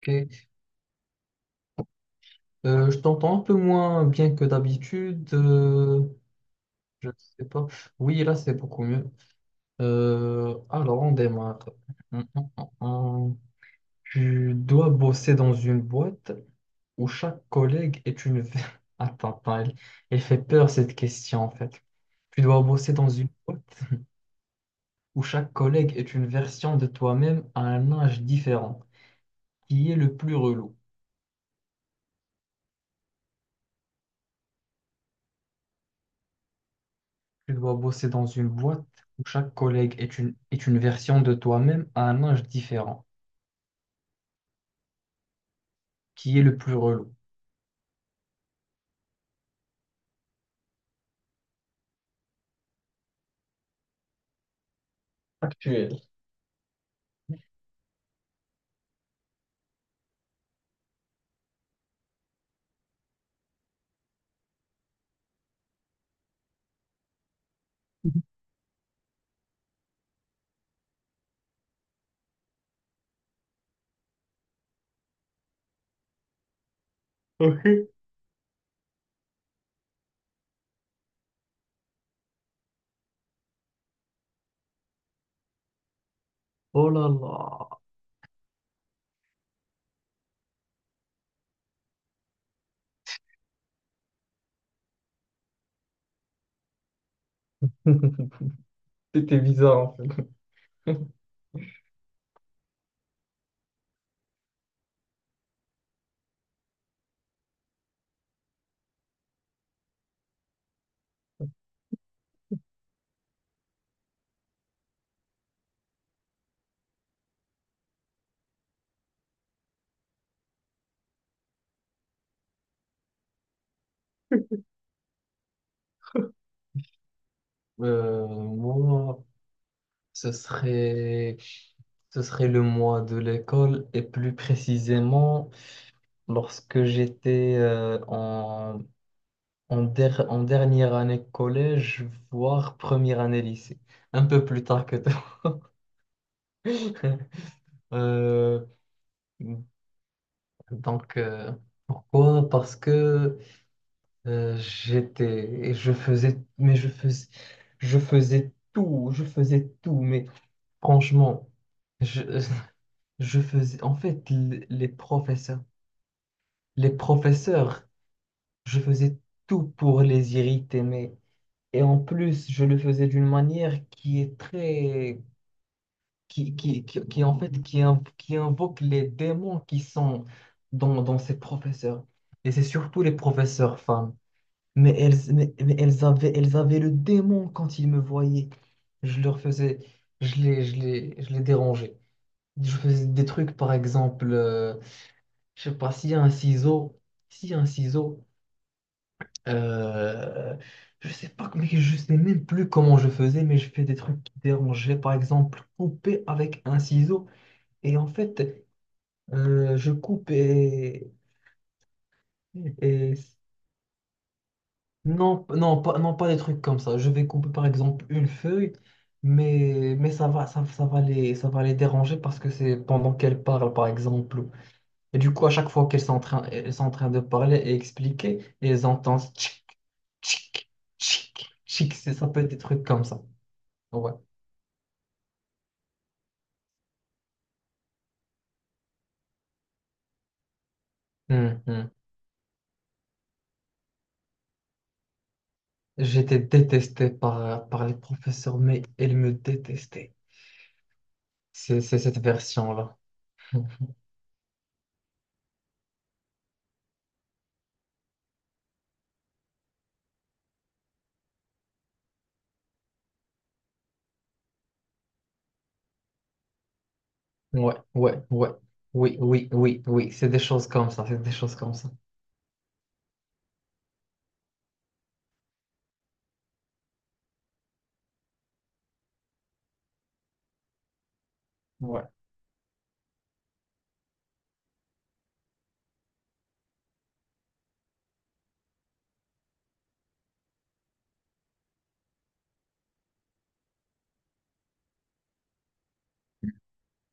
Ok. Je t'entends un peu moins bien que d'habitude. Je sais pas. Oui, là, c'est beaucoup mieux. Alors, on démarre. Hum, hum, hum. Tu dois bosser dans une boîte où chaque collègue est une. Attends, attends, elle, elle fait peur cette question en fait. Tu dois bosser dans une boîte où chaque collègue est une version de toi-même à un âge différent. Qui est le plus relou? Tu dois bosser dans une boîte où chaque collègue est une version de toi-même à un âge différent. Qui est le plus relou? Actuel. Ok. Oh là là. C'était bizarre en fait. Moi, ce serait, ce serait le mois de l'école et plus précisément lorsque j'étais en dernière année collège, voire première année lycée, un peu plus tard que toi. Euh, Donc, pourquoi? Parce que et je faisais, mais je faisais tout, mais franchement, je, je faisais, en fait, les professeurs, je faisais tout pour les irriter, mais, et en plus, je le faisais d'une manière qui est très, en fait, qui invoque les démons qui sont dans ces professeurs. Et c'est surtout les professeurs femmes. Mais elles avaient le démon quand ils me voyaient. Je leur faisais, je les dérangeais. Je faisais des trucs, par exemple, je sais pas, s'il y a un ciseau, s'il y a un ciseau, euh, je sais pas, mais je sais même plus comment je faisais, mais je fais des trucs qui dérangeaient. Par exemple, couper avec un ciseau. Et en fait, je coupe et. Non, non, pas, non, pas des trucs comme ça. Je vais couper par exemple une feuille, mais ça va les déranger parce que c'est pendant qu'elles parlent par exemple. Et du coup, à chaque fois qu'elles sont en train de parler et expliquer, elles entendent tchic, tchic, tchic, tchic. Ça peut être des trucs comme ça. Ouais. Hum, hum. J'étais détesté par les professeurs, mais elles me détestaient. C'est cette version-là. Ouais, ouais, ouais. Oui, oui, oui, oui. C'est des choses comme ça. C'est des choses comme ça. Ouais.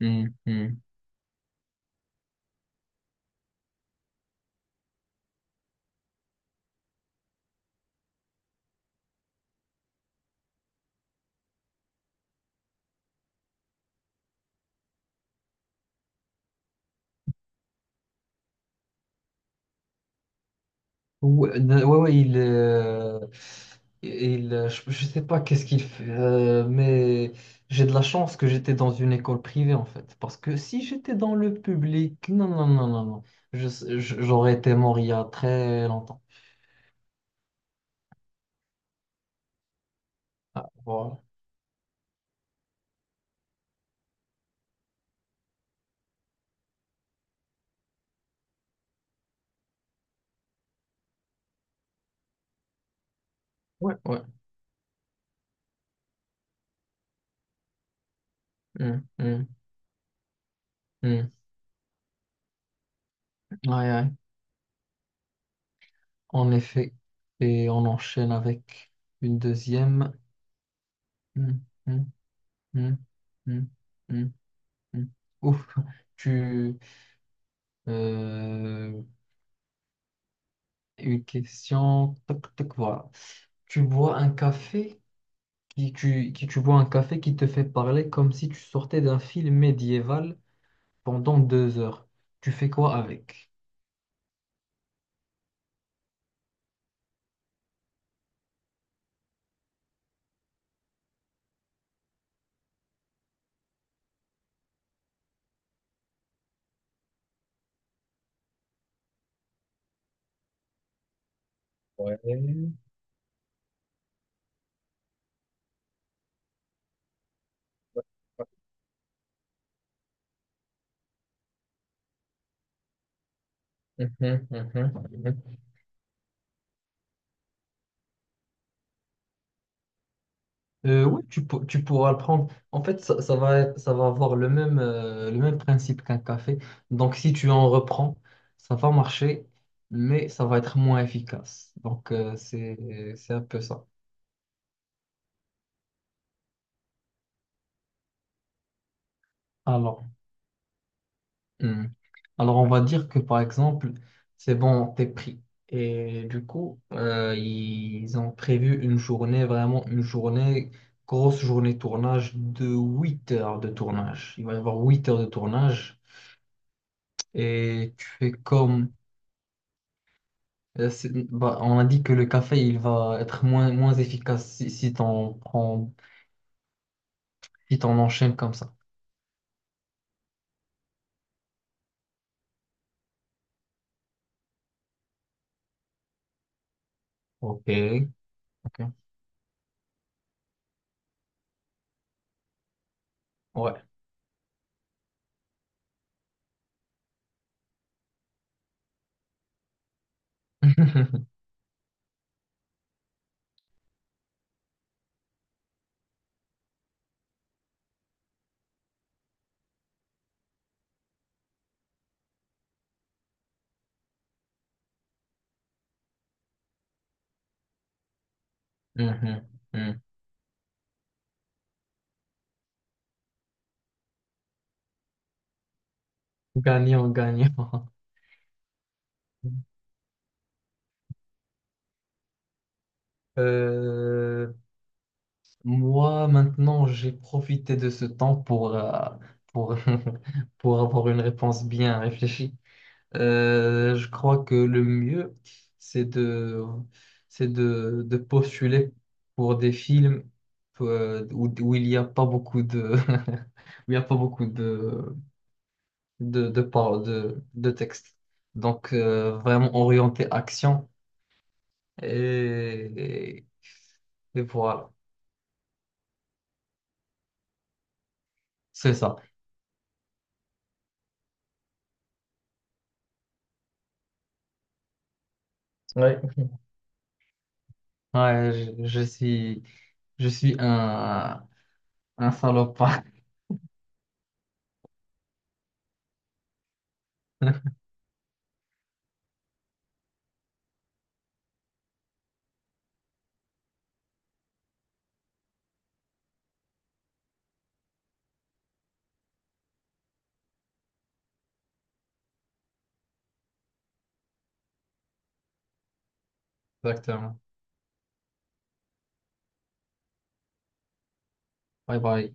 Hum, hum. Ouais, ouais, ouais, je sais pas qu'est-ce qu'il fait, mais j'ai de la chance que j'étais dans une école privée en fait, parce que si j'étais dans le public, non, non, non, non, non, je- j'aurais été mort il y a très longtemps. Ah, voilà. Ouais, ouais. Hum, hum, hum. Ouais, ouais. En effet, et on enchaîne avec une deuxième. Hum, hum, hum, hum, hum, hum. Ouf, tu, Euh, une question. Toc, toc, voilà. Tu bois un café qui te fait parler comme si tu sortais d'un film médiéval pendant 2 heures. Tu fais quoi avec? Ouais. Mhm, mhm, mhm. Oui, tu pourras le prendre. En fait, ça va avoir le même principe qu'un café. Donc, si tu en reprends, ça va marcher, mais ça va être moins efficace. Donc, c'est un peu ça. Alors. Hmm. Alors, on va dire que par exemple, c'est bon, t'es pris. Et du coup, ils ont prévu une journée, vraiment une journée, grosse journée de tournage de 8 heures de tournage. Il va y avoir 8 heures de tournage. Et tu fais comme. Bah, on a dit que le café, il va être moins efficace si, t'en prends, si t'en enchaînes comme ça. Ok, ok. Ouais. Mhm, mhm. Gagnant, gagnant. Euh, Moi, maintenant, j'ai profité de ce temps pour, pour avoir une réponse bien réfléchie. Je crois que le mieux, c'est de, c'est de postuler pour des films où il n'y a pas beaucoup de, où il n'y a pas beaucoup de, paroles, de texte. Donc, vraiment orienté action. Et, et et voilà, c'est ça. Ouais. Ouais, je suis un salopard. Exactement. Bye bye.